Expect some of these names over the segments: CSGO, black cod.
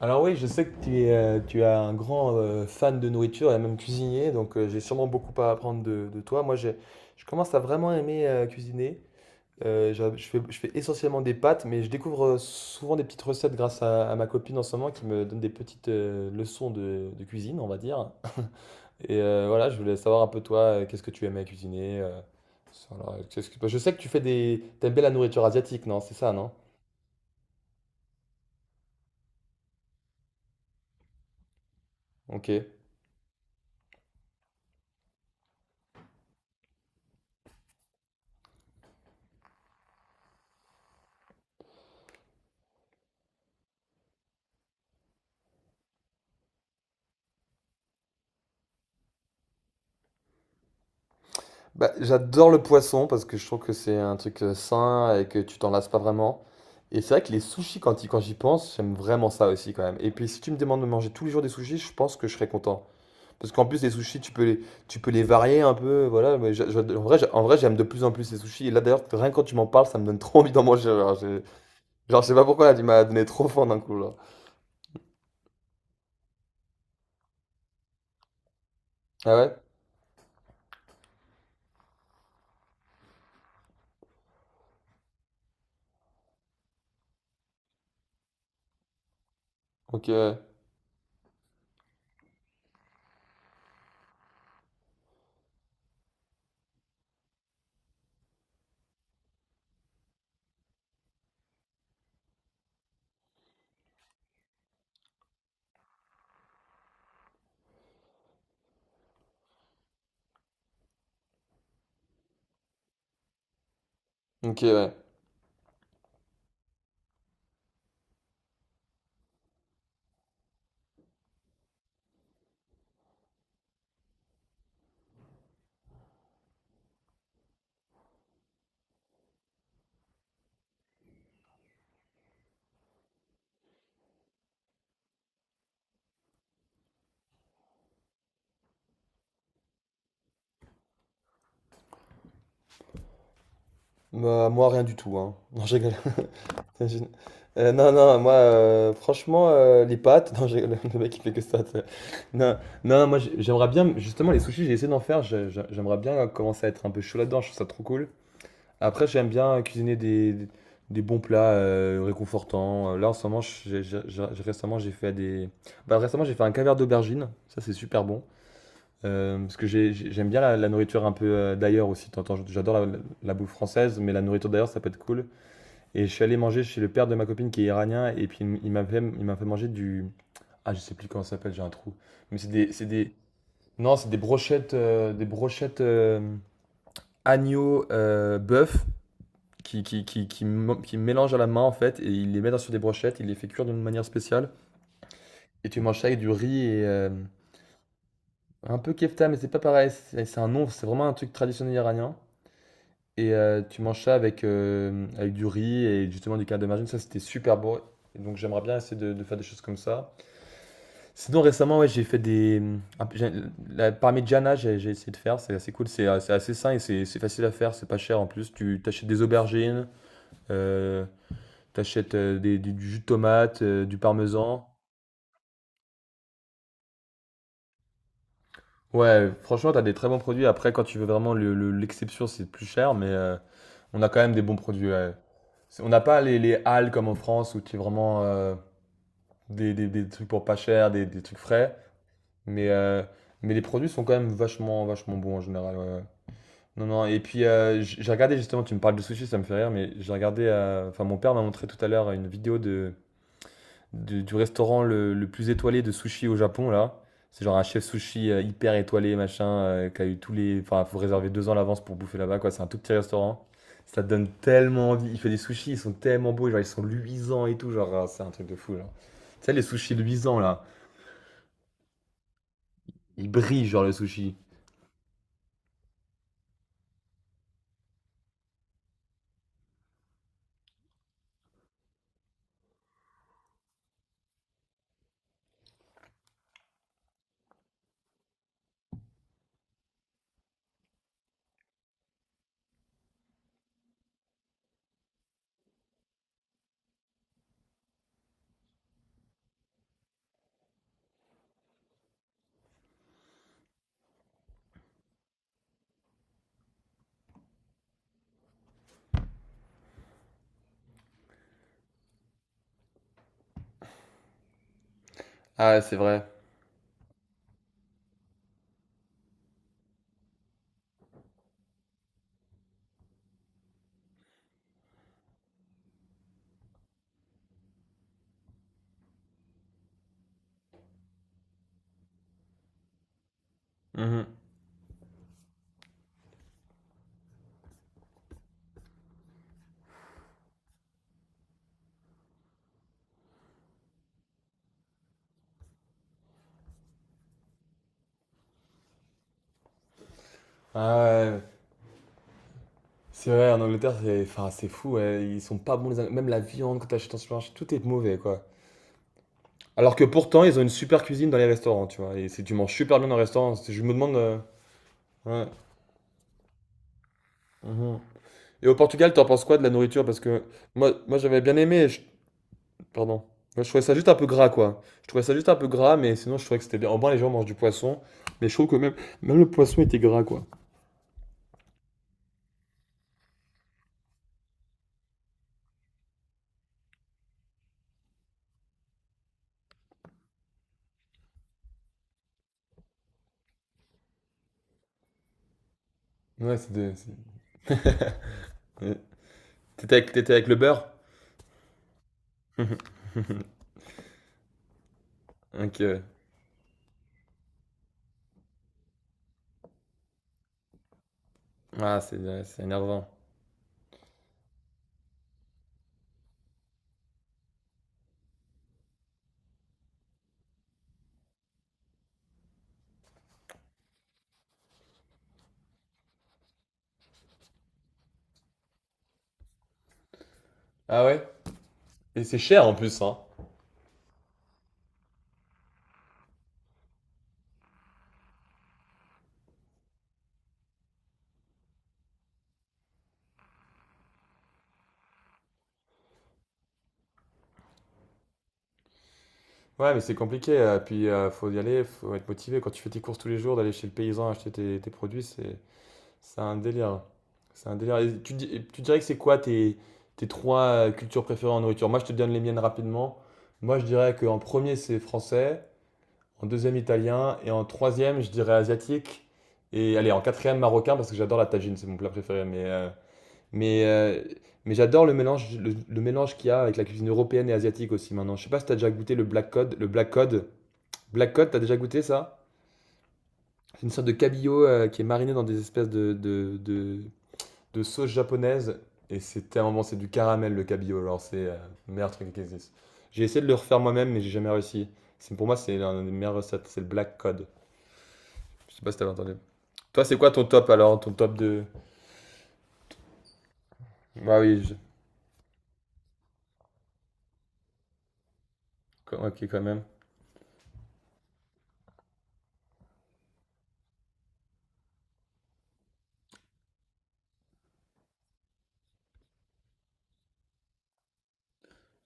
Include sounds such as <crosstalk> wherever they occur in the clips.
Alors oui, je sais que tu es un grand fan de nourriture et même cuisinier, donc j'ai sûrement beaucoup à apprendre de toi. Moi, je commence à vraiment aimer cuisiner. Je fais essentiellement des pâtes, mais je découvre souvent des petites recettes grâce à ma copine en ce moment qui me donne des petites leçons de cuisine, on va dire. Et voilà, je voulais savoir un peu toi, qu'est-ce que tu aimais cuisiner Je sais que tu fais T'aimes bien la nourriture asiatique, non? C'est ça, non? Ok. Bah, j'adore le poisson parce que je trouve que c'est un truc sain et que tu t'en lasses pas vraiment. Et c'est vrai que les sushis, quand j'y pense, j'aime vraiment ça aussi quand même. Et puis si tu me demandes de manger tous les jours des sushis, je pense que je serais content. Parce qu'en plus, les sushis, tu peux les varier un peu. Voilà, mais en vrai, j'aime de plus en plus les sushis. Et là, d'ailleurs, rien que quand tu m'en parles, ça me donne <laughs> trop envie d'en manger. Genre, je sais pas pourquoi, là, tu m'as donné trop faim d'un coup, là. Ah ouais? Ok, ouais. Ok, ouais. Bah, moi, rien du tout, hein. <laughs> Non, je rigole. Je- non, non, moi, franchement, les pâtes, <laughs> non, le mec il fait que ça, tu sais. Non, non, moi j'aimerais bien, justement, les sushis, j'ai essayé d'en faire, j'aimerais bien commencer à être un peu chaud là-dedans, je trouve ça trop cool. Après, j'aime bien cuisiner des bons plats réconfortants. Là, en ce moment, j'ai- récemment, j'ai fait des. Bah, récemment, j'ai fait un caviar d'aubergine, ça c'est super bon. Parce que j'aime bien la nourriture un peu d'ailleurs aussi. T'entends, j'adore la bouffe française, mais la nourriture d'ailleurs, ça peut être cool. Et je suis allé manger chez le père de ma copine qui est iranien, et puis il m'a fait manger du. Ah, je sais plus comment ça s'appelle, j'ai un trou. Mais c'est des, c'est des. Non, c'est des brochettes, agneau bœuf qui mélangent à la main en fait, et il les met sur des brochettes, il les fait cuire d'une manière spéciale, et tu manges ça avec du riz et un peu kefta, mais c'est pas pareil, c'est un nom, c'est vraiment un truc traditionnel iranien. Et tu manges ça avec, avec du riz et justement du canard de margine, ça c'était super beau. Et donc j'aimerais bien essayer de faire des choses comme ça. Sinon, récemment, ouais, j'ai fait des. Un peu- j'ai- La parmigiana, j'ai essayé de faire, c'est assez cool, c'est assez sain et c'est facile à faire, c'est pas cher en plus. Tu t'achètes des aubergines, euh, t'achètes du jus de tomate, du parmesan. Ouais, franchement, t'as des très bons produits. Après, quand tu veux vraiment l'exception, c'est plus cher, mais on a quand même des bons produits, ouais. On n'a pas les halles comme en France où tu as vraiment des trucs pour pas cher, des trucs frais, mais, euh, mais les produits sont quand même vachement, vachement bons en général, ouais, ouais. Non, non, et puis j'ai regardé justement, tu me parles de sushi, ça me fait rire, mais j'ai regardé, enfin mon père m'a montré tout à l'heure une vidéo de, du restaurant le plus étoilé de sushi au Japon, là. C'est genre un chef sushi hyper étoilé, machin, qui a eu tous les... Enfin, faut réserver 2 ans à l'avance pour bouffer là-bas, quoi. C'est un tout petit restaurant. Ça te donne tellement envie. Il fait des sushis, ils sont tellement beaux, genre ils sont luisants et tout, genre ah, c'est un truc de fou, genre. Tu sais, les sushis luisants, là, ils brillent, genre le sushi. Ah, ouais, c'est vrai. Mhm. Ah ouais. C'est vrai, en Angleterre, c'est enfin, c'est fou, ouais, ils sont pas bons les Même la viande quand t'achètes en supermarché, tout est mauvais, quoi. Alors que pourtant, ils ont une super cuisine dans les restaurants, tu vois. Et c'est- tu manges super bien dans les restaurants. C'est- Je me demande. Ouais, mhm. Et au Portugal, t'en penses quoi de la nourriture? Parce que moi, j'avais bien aimé. Pardon. Moi, je trouvais ça juste un peu gras, quoi. Je trouvais ça juste un peu gras, mais sinon, je trouvais que c'était bien. En bas, les gens mangent du poisson. Mais je trouve que même, même le poisson était gras, quoi. Ouais, ouais. T'étais avec le beurre? <laughs> Ok, ouais. Ah, c'est ouais, c'est énervant. Ah ouais? Et c'est cher en plus, hein. Ouais, mais c'est compliqué. Puis faut y aller, faut être motivé. Quand tu fais tes courses tous les jours, d'aller chez le paysan acheter tes produits, c'est un délire. C'est un délire. Et tu dirais que c'est quoi tes trois cultures préférées en nourriture? Moi, je te donne les miennes rapidement. Moi, je dirais qu'en premier, c'est français. En deuxième, italien. Et en troisième, je dirais asiatique. Et allez, en quatrième, marocain, parce que j'adore la tagine, c'est mon plat préféré. Mais, euh, mais j'adore le mélange, le mélange qu'il y a avec la cuisine européenne et asiatique aussi maintenant. Je sais pas si t'as déjà goûté le black cod. Le black cod, t'as déjà goûté ça? C'est une sorte de cabillaud qui est mariné dans des espèces de sauce japonaise. Et c'est tellement bon, c'est du caramel le cabillaud. Alors c'est le meilleur truc qui existe. J'ai essayé de le refaire moi-même, mais j'ai jamais réussi. C'est, pour moi, c'est l'un des meilleures recettes, c'est le black cod. Je sais pas si t'avais entendu. Toi, c'est quoi ton top alors? Ton top de. Bah oui, je- ok quand même.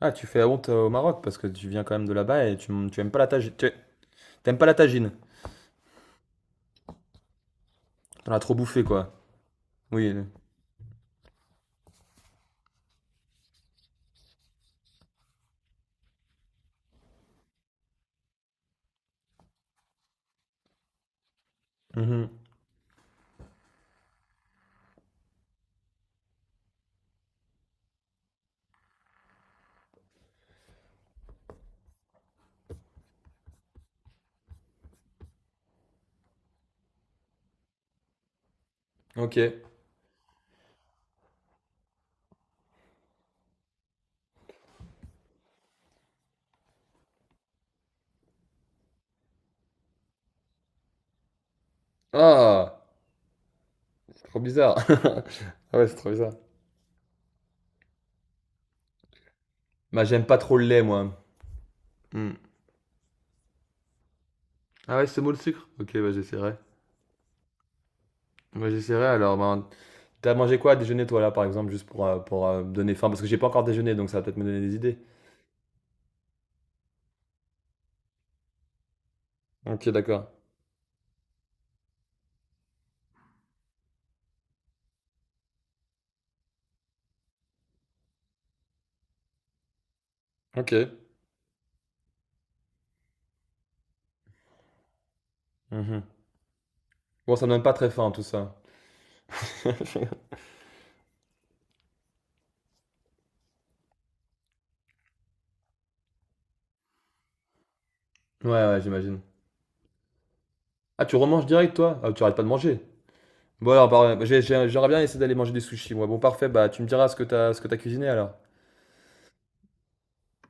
Ah, tu fais la honte au Maroc parce que tu viens quand même de là-bas et tu aimes pas la tagine. Tu t'aimes pas la tagine. T'en as trop bouffé, quoi. Oui. Le- Mhm. Ok. Ah, trop bizarre. <laughs> Ah ouais, c'est trop bizarre. Bah, j'aime pas trop le lait, moi. Hmm. Ah ouais, c'est mot le sucre? Ok, bah j'essaierai. Bah j'essaierai alors. Bah, t'as mangé quoi à déjeuner, toi, là, par exemple, juste pour me donner faim? Parce que j'ai pas encore déjeuné, donc ça va peut-être me donner des idées. Ok, d'accord. Ok. Mhm. Bon, ça me donne pas très faim, tout ça. <laughs> Ouais, ouais, j'imagine. Ah, tu remanges direct, toi? Ah, tu arrêtes pas de manger. Bon alors, bah, j'aimerais bien essayer d'aller manger des sushis, moi. Bon, parfait, bah tu me diras ce que t'as cuisiné alors.